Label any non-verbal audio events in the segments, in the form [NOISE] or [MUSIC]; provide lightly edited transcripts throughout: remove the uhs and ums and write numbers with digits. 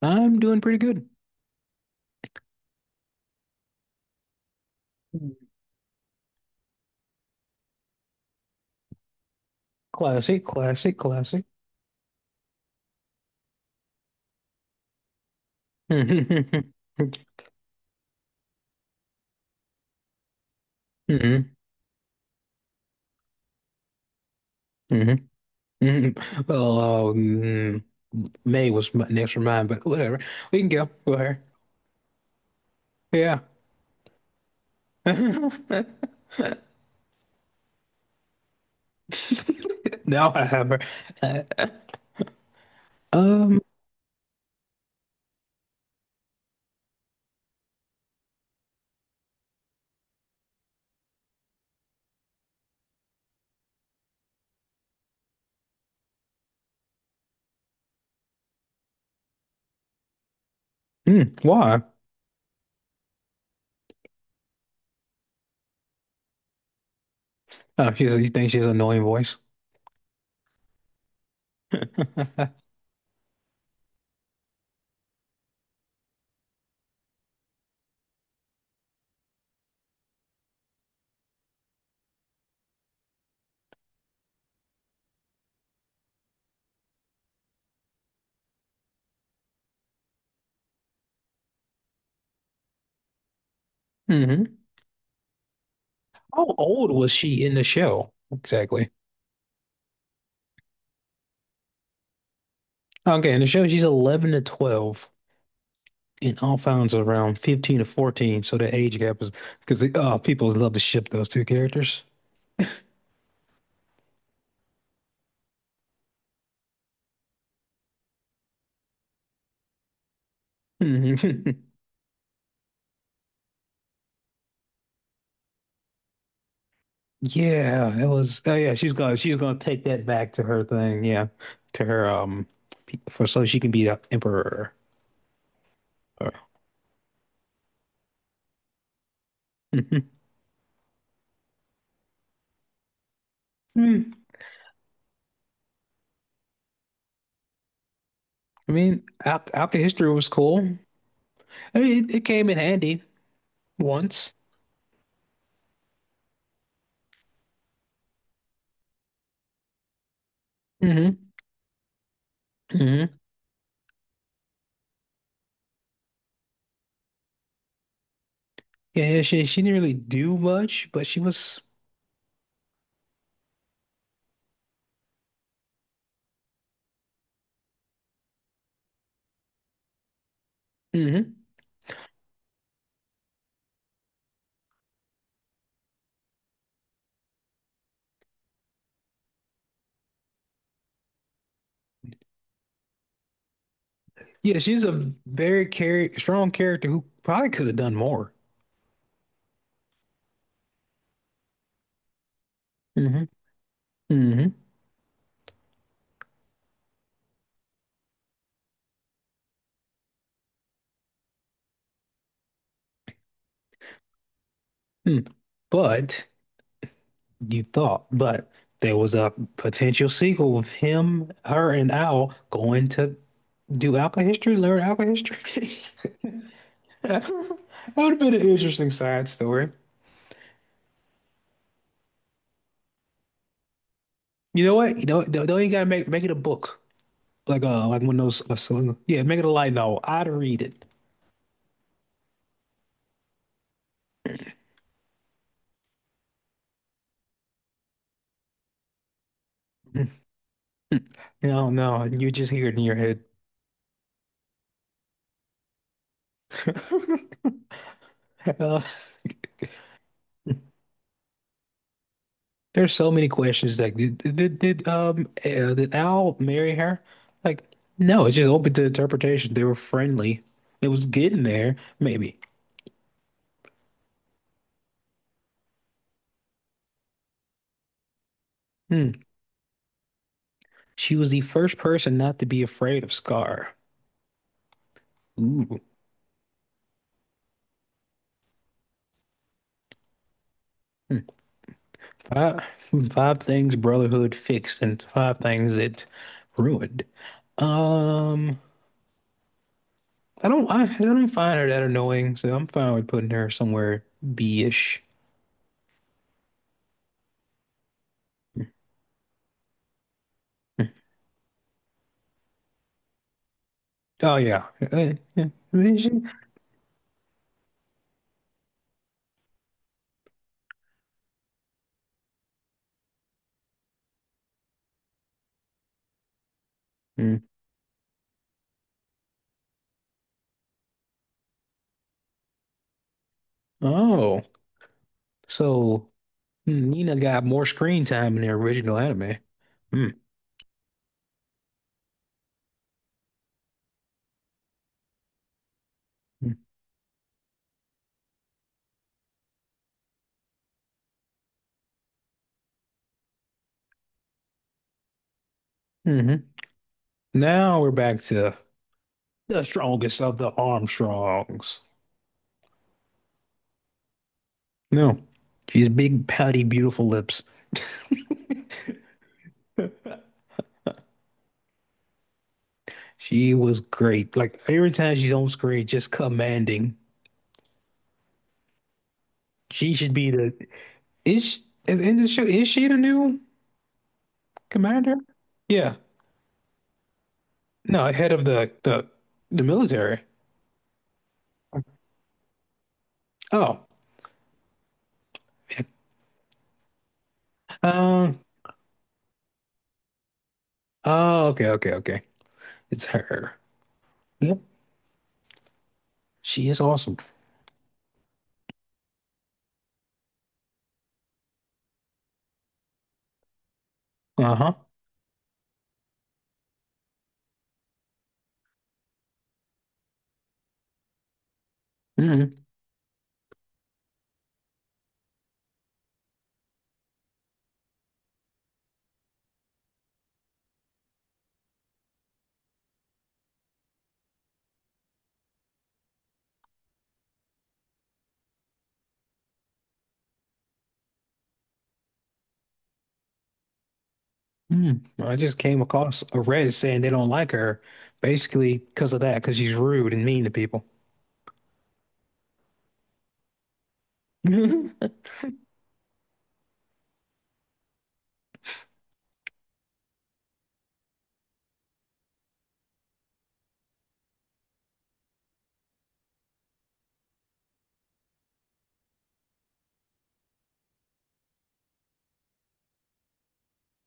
I'm doing pretty good. Classic, classic, classic. [LAUGHS] Mm-hmm, mm-hmm, mm-hmm. Well, May was my next for mine, but whatever. We can go with her. Yeah. [LAUGHS] Now I have her. Uh, um, mm, why? Oh, she's, you think she has an annoying voice? [LAUGHS] Hmm. How old was she in the show? Exactly. Okay, in the show, she's 11 to 12, and Alphonse is around 15 to 14, so the age gap is because people love to ship those two characters. [LAUGHS] Yeah, it was. Oh yeah, she's gonna take that back to her thing. Yeah, to her for so she can be the emperor. [LAUGHS] Uh, mhm. Hmm. I mean, Al Alka history was cool. I mean, it came in handy once. Hmm. Hmm. Yeah, she didn't really do much, but she was. Hmm. Yeah, she's a very char strong character who probably could have done more. Hmm. Hmm. Hmm. But you thought, but there was a potential sequel of him, her, and Al going to do alcohol history, learn alcohol history. [LAUGHS] That would have been an interesting side story. You know what? You know, they don't even gotta make it a book, like one of those. Yeah, make it a light novel. I'd read it. Mm. No, no, you just hear it in your head. [LAUGHS] Uh, there's so many questions. Like, did Al marry her? Like, no, it's just open to interpretation. They were friendly. It was getting there, maybe. Hmm. She was the first person not to be afraid of Scar. Ooh. Hmm. Five five things Brotherhood fixed and five things it ruined. Um, I don't find her that annoying, so I'm fine with putting her somewhere B-ish. Oh yeah. Yeah. B-ish? Hmm. Oh. So Nina got more screen time in the original anime. Hmm. Hmm. Now we're back to the strongest of the Armstrongs. No, she's big, pouty, beautiful lips. [LAUGHS] She was great. Like every time she's on screen, just commanding. She should be the is at in the show. Is she the new commander? Yeah. No, head of the the military. Oh, yeah. Um. Oh, okay, okay, okay. It's her. Yep, she is awesome. Uh-huh. Mm. Mm. I just came across a Reddit saying they don't like her, basically because of that, because she's rude and mean to people. [LAUGHS]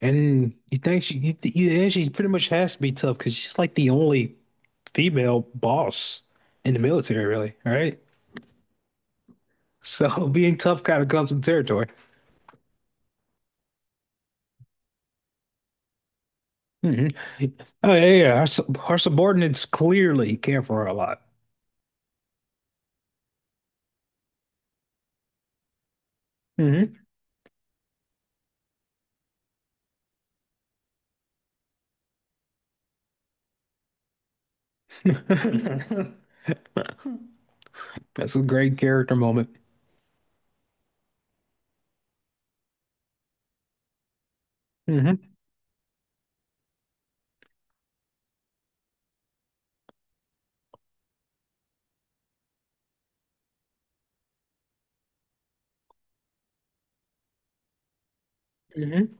And you think she, you, and she pretty much has to be tough because she's like the only female boss in the military, really. All right. So [LAUGHS] being tough kind of comes with territory. Hmm. Oh yeah, yeah. Her subordinates clearly care for her a lot. Hmm. [LAUGHS] That's a great character moment. Hmm. Hmm.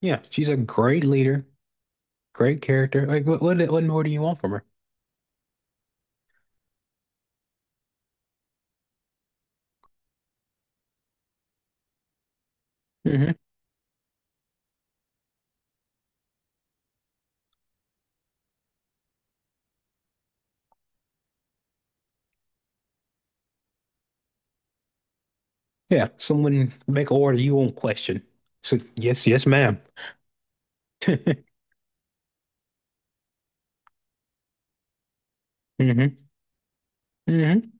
Yeah, she's a great leader, great character. Like, what more do you want from her? Hmm. Yeah, someone make order you won't question. So, yes, yes, madam. [LAUGHS] Mm-hmm. Mm-hmm.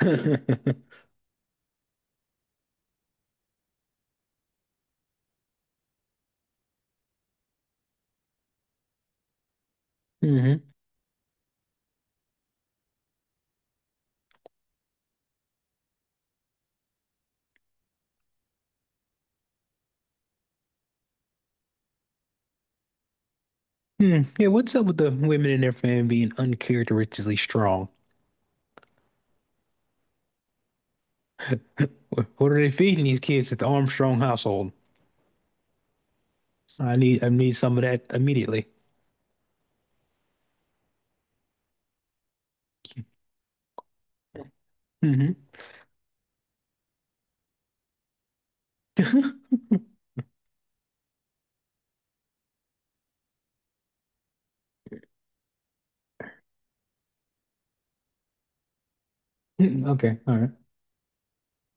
[COUGHS] [LAUGHS] Hmm. Hmm. Yeah, what's up with the women in their family being uncharacteristically strong? What are they feeding these kids at the Armstrong household? I need some of that immediately. Hmm. [LAUGHS] Okay, all right.